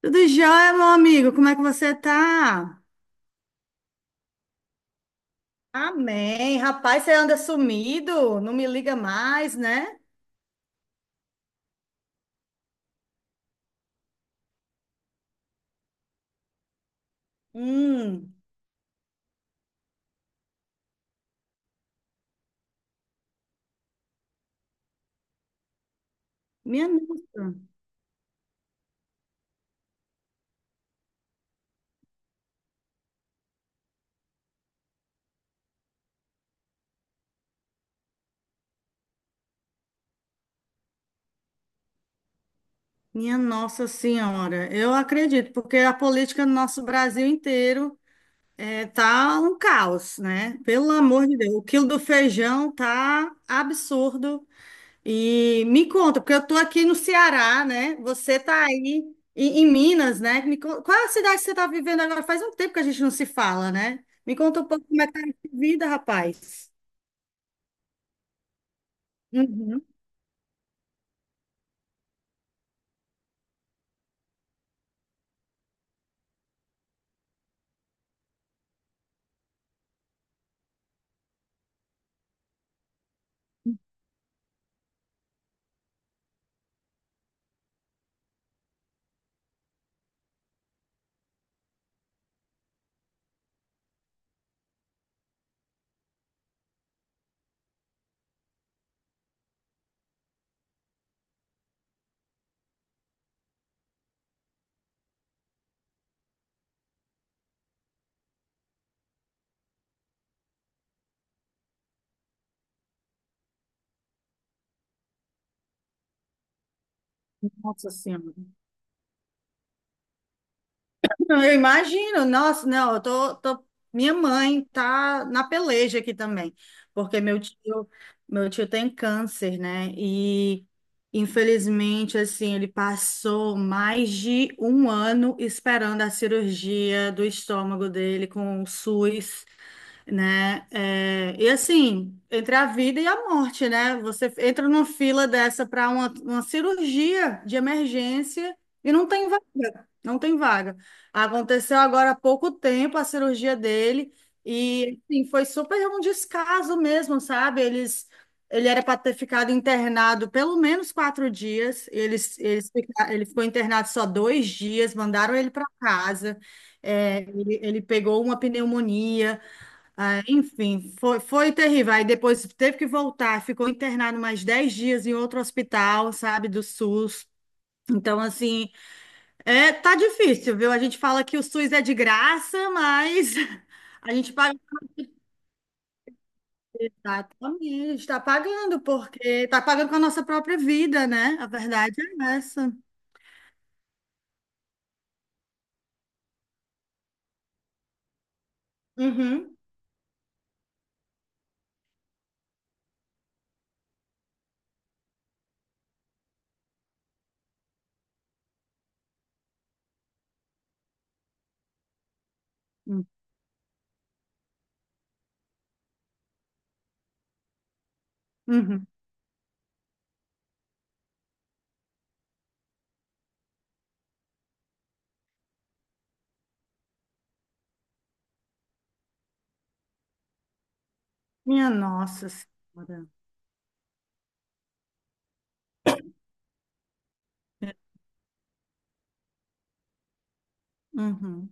Tudo jóia, meu amigo? Como é que você tá? Amém. Rapaz, você anda sumido, não me liga mais, né? Hum. Minha nossa. Minha Nossa Senhora. Eu acredito, porque a política no nosso Brasil inteiro tá um caos, né? Pelo amor de Deus, o quilo do feijão tá absurdo. E me conta, porque eu tô aqui no Ceará, né? Você tá aí em Minas, né? Qual é a cidade que você tá vivendo agora? Faz um tempo que a gente não se fala, né? Me conta um pouco como é que tá a vida, rapaz. Uhum. Nossa Senhora. Não, eu imagino, nossa, não, minha mãe tá na peleja aqui também, porque meu tio tem câncer, né? E infelizmente, assim, ele passou mais de um ano esperando a cirurgia do estômago dele com o SUS, né? É, e assim, entre a vida e a morte, né? Você entra numa fila dessa para uma cirurgia de emergência e não tem vaga, não tem vaga. Aconteceu agora há pouco tempo a cirurgia dele, e assim, foi super um descaso mesmo, sabe? Ele era para ter ficado internado pelo menos 4 dias. Ele ficou internado só 2 dias, mandaram ele para casa. É, ele pegou uma pneumonia. Ah, enfim, foi terrível. Aí depois teve que voltar, ficou internado mais 10 dias em outro hospital, sabe, do SUS. Então, assim, tá difícil, viu? A gente fala que o SUS é de graça, mas a gente paga. Tá, também, está pagando, porque está pagando com a nossa própria vida, né? A verdade é essa. Uhum. Uhum. Minha Nossa Senhora. Uhum.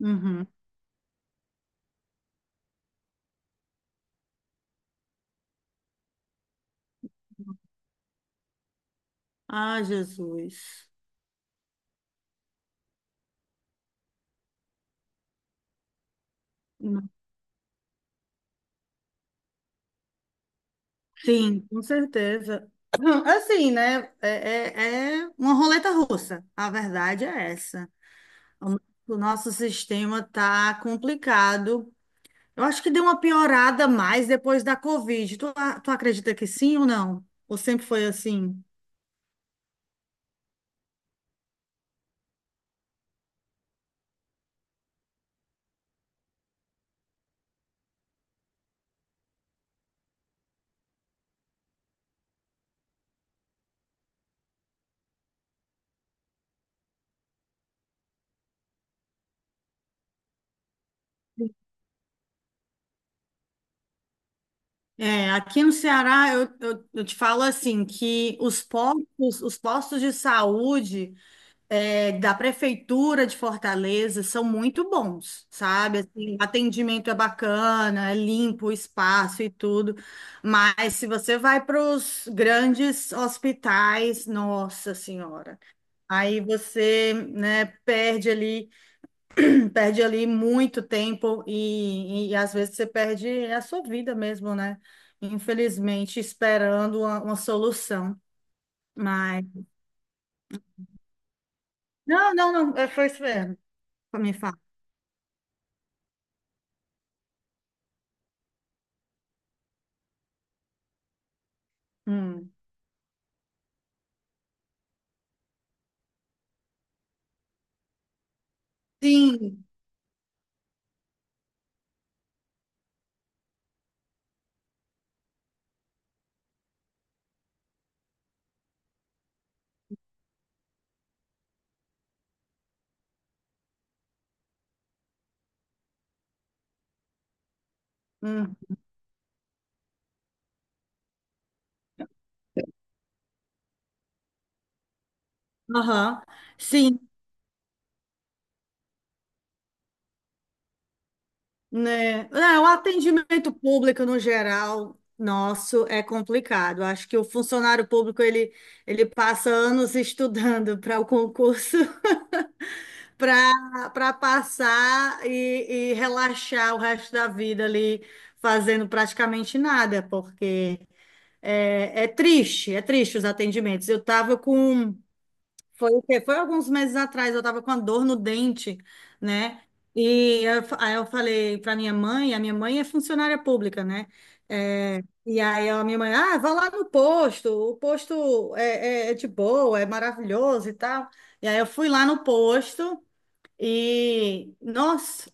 Uhum. Ah, Jesus. Sim, com certeza. Assim, né? É uma roleta russa. A verdade é essa. O no- o nosso sistema tá complicado. Eu acho que deu uma piorada mais depois da Covid. Tu acredita que sim ou não? Ou sempre foi assim? É, aqui no Ceará, eu te falo assim, que os postos de saúde, da prefeitura de Fortaleza são muito bons, sabe? Assim, o atendimento é bacana, é limpo o espaço e tudo, mas se você vai para os grandes hospitais, nossa senhora, aí você, né, perde ali, perde ali muito tempo e às vezes você perde a sua vida mesmo, né? Infelizmente, esperando uma solução. Mas não, não, não, é, foi isso mesmo. Me fala. Hum. Sim. Hum. Aham. Sim, né? É, o atendimento público no geral nosso é complicado. Acho que o funcionário público ele passa anos estudando para o concurso para passar e relaxar o resto da vida ali fazendo praticamente nada, porque é triste, é triste os atendimentos. Eu estava com Foi o quê? Foi alguns meses atrás, eu tava com a dor no dente, né? Aí eu falei pra minha mãe, a minha mãe é funcionária pública, né? É, e aí a minha mãe, ah, vá lá no posto, o posto é de boa, é maravilhoso e tal. E aí eu fui lá no posto, e, nossa,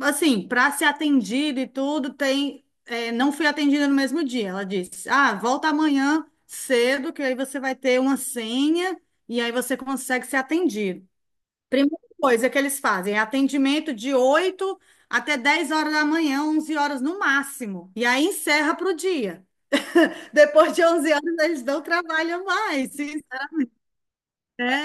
assim, para ser atendida e tudo, tem. Não fui atendida no mesmo dia. Ela disse: Ah, volta amanhã cedo, que aí você vai ter uma senha e aí você consegue ser atendido. Primeira coisa que eles fazem é atendimento de 8 até 10 horas da manhã, 11 horas no máximo. E aí encerra para o dia. Depois de 11 horas, eles não trabalham mais.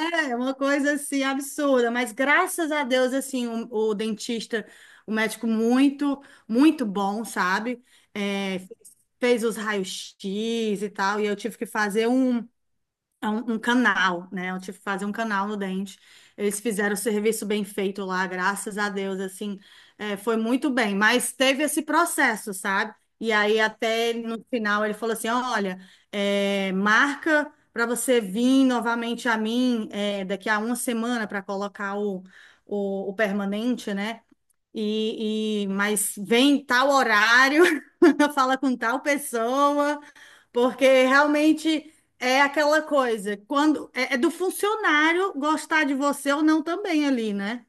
É uma coisa assim absurda, mas graças a Deus assim o dentista, o médico muito, muito bom, sabe? É, fez os raios-x e tal, e eu tive que fazer um canal, né? Eu tive que fazer um canal no dente. Eles fizeram o serviço bem feito lá, graças a Deus, assim, foi muito bem. Mas teve esse processo, sabe? E aí até ele, no final ele falou assim, olha, marca para você vir novamente a mim, daqui a uma semana, para colocar o permanente, né? Mas vem em tal horário, fala com tal pessoa, porque realmente é aquela coisa, quando é do funcionário gostar de você ou não também ali, né?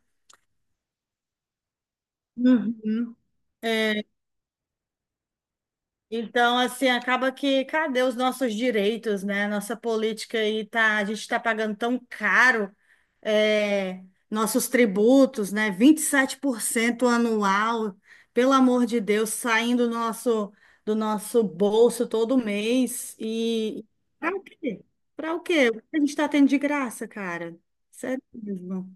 Então, assim, acaba que cadê os nossos direitos, né? Nossa política aí tá, a gente está pagando tão caro, é, nossos tributos, né? 27% anual, pelo amor de Deus, saindo do nosso, bolso todo mês. E para o quê? Para o quê? O que a gente está tendo de graça, cara? Sério mesmo.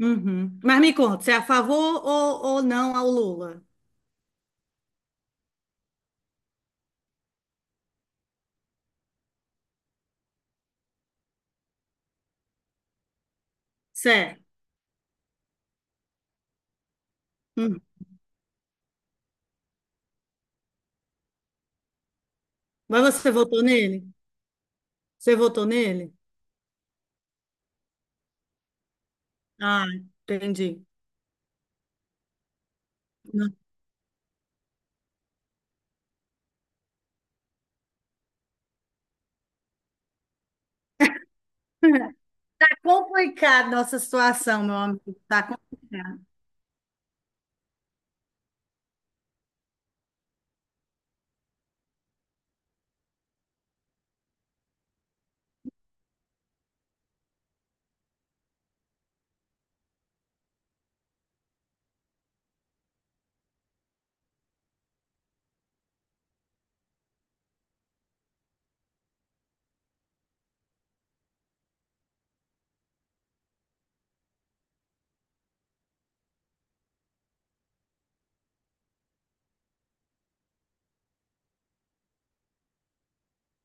Uhum. Mas me conta, você é a favor, ou não, ao Lula? Certo. Uhum. Mas você votou nele? Você votou nele? Ah, entendi. Tá complicada a nossa situação, meu amigo. Tá complicado.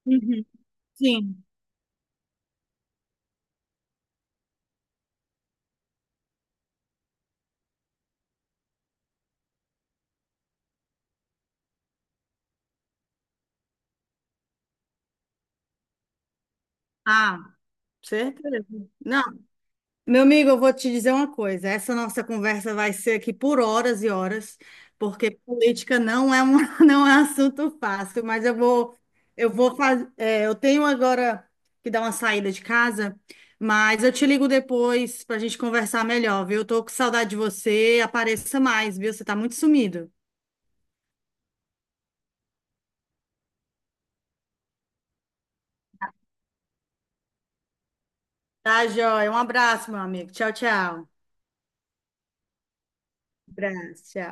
Uhum. Sim. Ah, certeza. Não, meu amigo, eu vou te dizer uma coisa. Essa nossa conversa vai ser aqui por horas e horas, porque política não é um, não é assunto fácil, mas eu vou fazer, eu tenho agora que dar uma saída de casa, mas eu te ligo depois para a gente conversar melhor, viu? Eu tô com saudade de você, apareça mais, viu? Você tá muito sumido. Tá, joia. Um abraço, meu amigo. Tchau, tchau. Um abraço, tchau.